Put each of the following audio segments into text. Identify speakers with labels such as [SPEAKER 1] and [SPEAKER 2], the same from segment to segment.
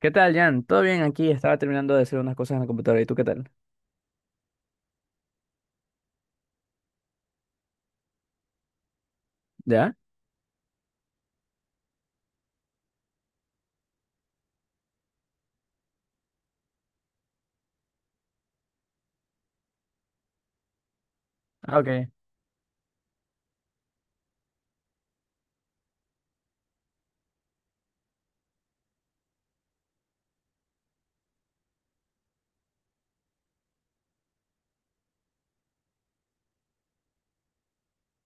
[SPEAKER 1] ¿Qué tal, Jan? ¿Todo bien aquí? Estaba terminando de hacer unas cosas en la computadora. ¿Y tú qué tal? ¿Ya? Ah, Ok.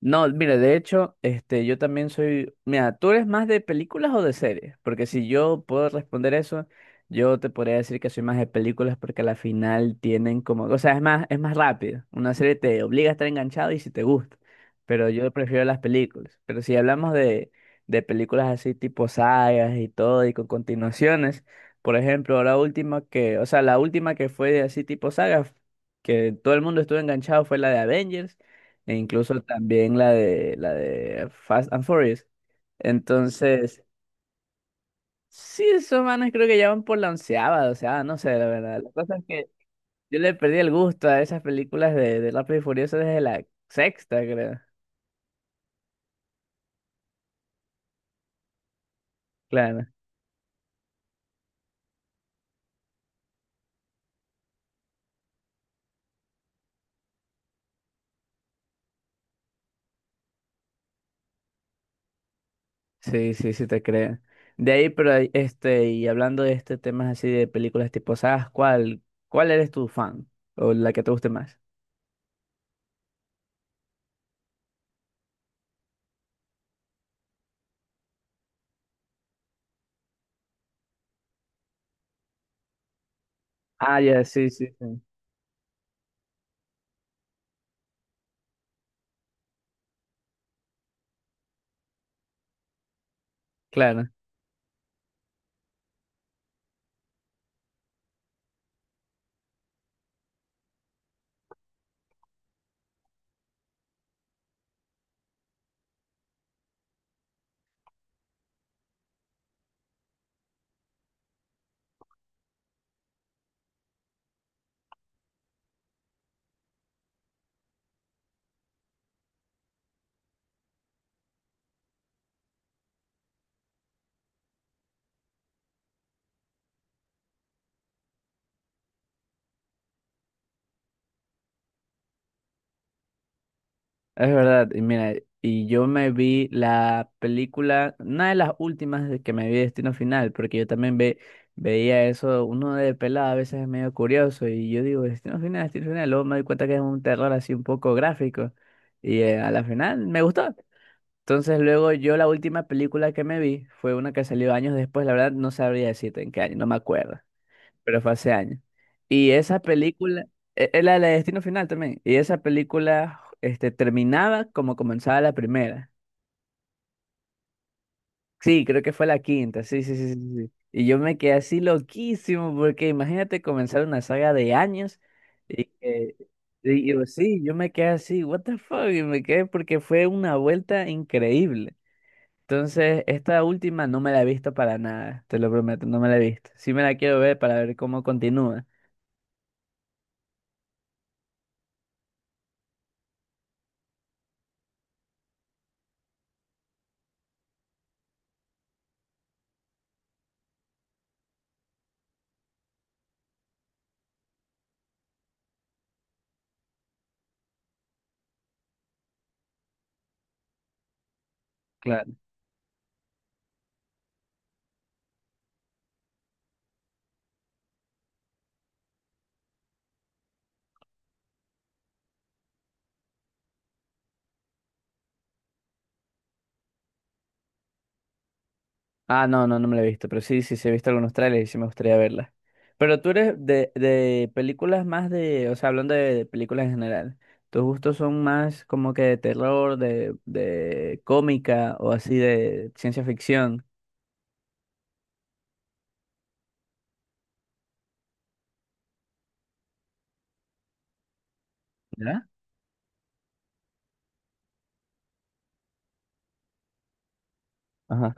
[SPEAKER 1] No, mire, de hecho, este, yo también soy. Mira, ¿tú eres más de películas o de series? Porque si yo puedo responder eso, yo te podría decir que soy más de películas porque a la final tienen como, o sea, es más rápido. Una serie te obliga a estar enganchado y si te gusta. Pero yo prefiero las películas. Pero si hablamos de películas así tipo sagas y todo y con continuaciones, por ejemplo, la última que, o sea, la última que fue así tipo sagas, que todo el mundo estuvo enganchado fue la de Avengers e incluso también la de Fast and Furious. Entonces, sí, esos manes creo que ya van por la onceava, o sea, no sé, la verdad. La cosa es que yo le perdí el gusto a esas películas de Rápido y Furioso desde la sexta, creo. Claro. Sí, sí, sí te creo. De ahí, pero ahí, este, y hablando de este temas así de películas tipo sagas, ¿cuál eres tu fan? O la que te guste más. Ah, ya, sí, sí, sí. Claro. Es verdad, y mira, y yo me vi la película, una de las últimas de que me vi Destino Final, porque yo también veía eso, uno de pelado a veces es medio curioso, y yo digo, Destino Final, Destino Final, luego me doy cuenta que es un terror así un poco gráfico, y a la final me gustó. Entonces luego yo la última película que me vi fue una que salió años después, la verdad no sabría decirte en qué año, no me acuerdo, pero fue hace años. Y esa película, era la de Destino Final también, y esa película este, terminaba como comenzaba la primera. Sí, creo que fue la quinta, sí, sí, sí, sí, sí. Y yo me quedé así loquísimo, porque imagínate comenzar una saga de años y que... Y yo, sí, yo me quedé así, what the fuck, y me quedé porque fue una vuelta increíble. Entonces, esta última no me la he visto para nada, te lo prometo, no me la he visto. Sí me la quiero ver para ver cómo continúa. Claro. Ah, no, no, no me la he visto, pero sí, sí, sí he visto algunos trailers y sí me gustaría verla. Pero tú eres de películas o sea, hablando de películas en general, ¿tus gustos son más como que de terror, de cómica o así de ciencia ficción? ¿Ya? Ajá,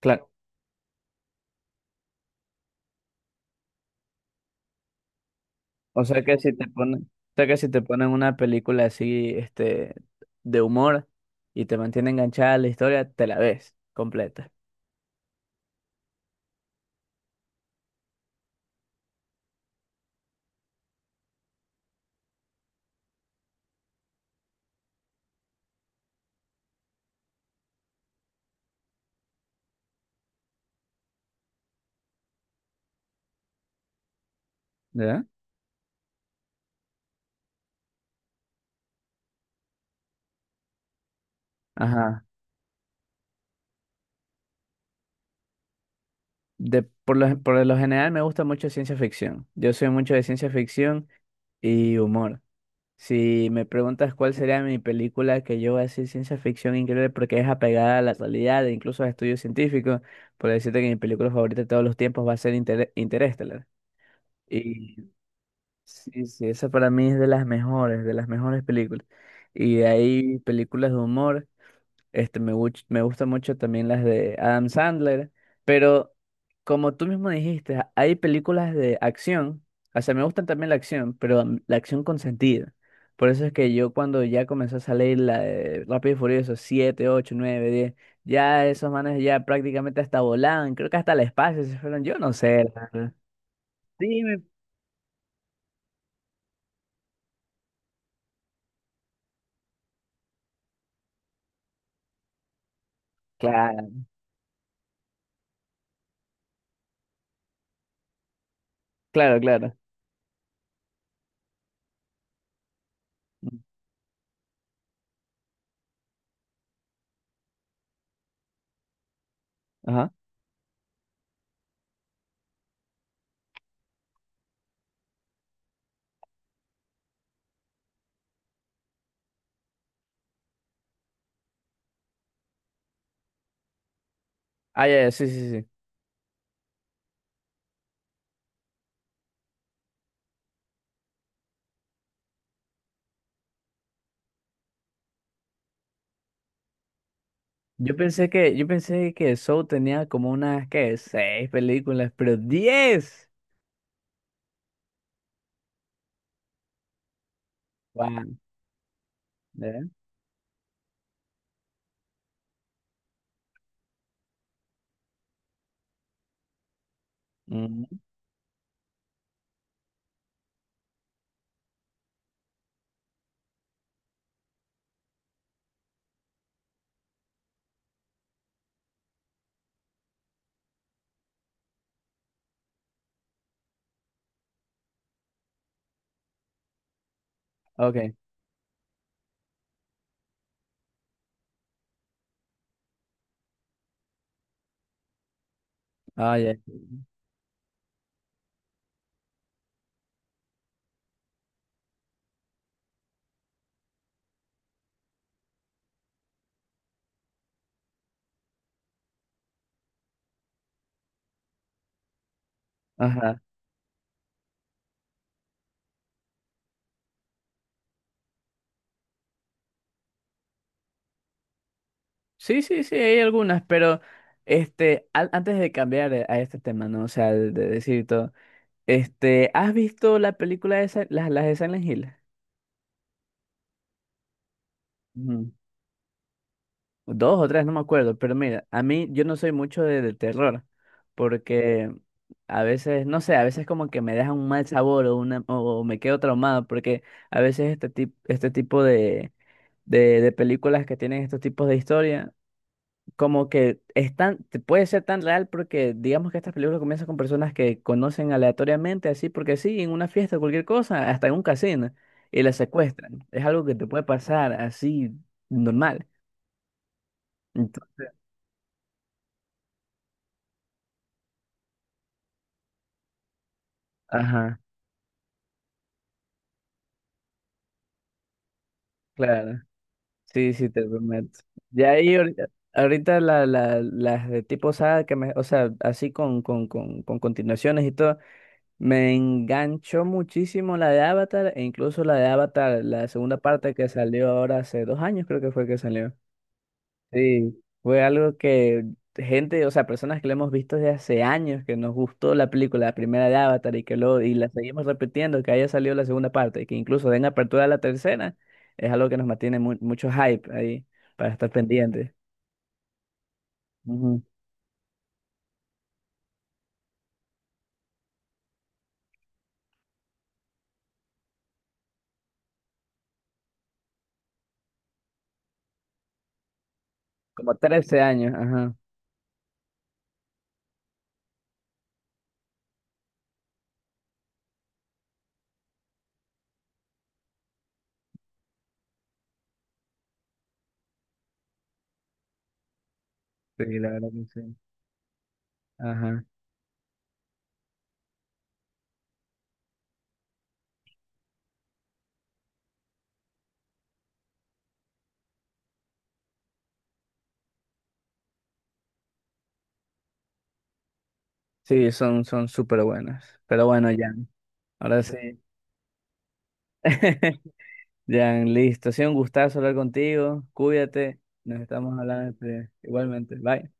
[SPEAKER 1] claro. O sea que si te ponen una película así, este, de humor y te mantiene enganchada a la historia, te la ves completa. ¿Ya? Ajá. Por lo general me gusta mucho ciencia ficción. Yo soy mucho de ciencia ficción y humor. Si me preguntas cuál sería mi película que yo voy a decir ciencia ficción increíble porque es apegada a la realidad e incluso a estudios científicos, por decirte que mi película favorita de todos los tiempos va a ser Interestelar. Y sí, sí, esa para mí es de las mejores películas. Y de ahí películas de humor. Este, me gustan mucho también las de Adam Sandler, pero como tú mismo dijiste, hay películas de acción, o sea, me gustan también la acción, pero la acción con sentido. Por eso es que yo cuando ya comenzó a salir la de Rápido y Furioso 7, 8, 9, 10, ya esos manes ya prácticamente hasta volaban, creo que hasta el espacio se fueron, yo no sé, la verdad. Sí, claro, claro, claro. Ajá. Ah, ya, ya, sí, sí, sí. Yo pensé que Saw tenía como unas, ¿qué? Seis películas, pero 10. Wow. ¿Eh? Mm, Ok. Ah, ya. Ajá. Sí, sí, sí, hay algunas, pero este, antes de cambiar a este tema, ¿no? O sea, de decir todo, este, ¿has visto la película de las de Silent Hill? Dos o tres, no me acuerdo, pero mira, a mí yo no soy mucho de terror, porque a veces, no sé, a veces como que me deja un mal sabor o me quedo traumado, porque a veces este, este tipo de películas que tienen estos tipos de historia, como que es tan, puede ser tan real porque digamos que estas películas comienzan con personas que conocen aleatoriamente, así porque sí, en una fiesta, cualquier cosa, hasta en un casino, y las secuestran. Es algo que te puede pasar así normal. Ento- Ajá. Claro, sí, sí, te prometo. Ya ahí ahorita, las de tipo saga o sea, así con continuaciones y todo, me enganchó muchísimo la de Avatar e incluso la de Avatar, la segunda parte que salió ahora hace 2 años creo que fue que salió. Sí, fue algo que gente, o sea, personas que lo hemos visto desde hace años, que nos gustó la película, la primera de Avatar y y la seguimos repitiendo, que haya salido la segunda parte, y que incluso den apertura a la tercera, es algo que nos mantiene mucho hype ahí para estar pendientes. Ujú. Como 13 años, ajá. Sí, la verdad que sí. Ajá. Sí, son súper buenas. Pero bueno, Jan, ahora sí. Jan, listo. Ha sido un gustazo hablar contigo. Cuídate. Nos estamos hablando igualmente. Bye.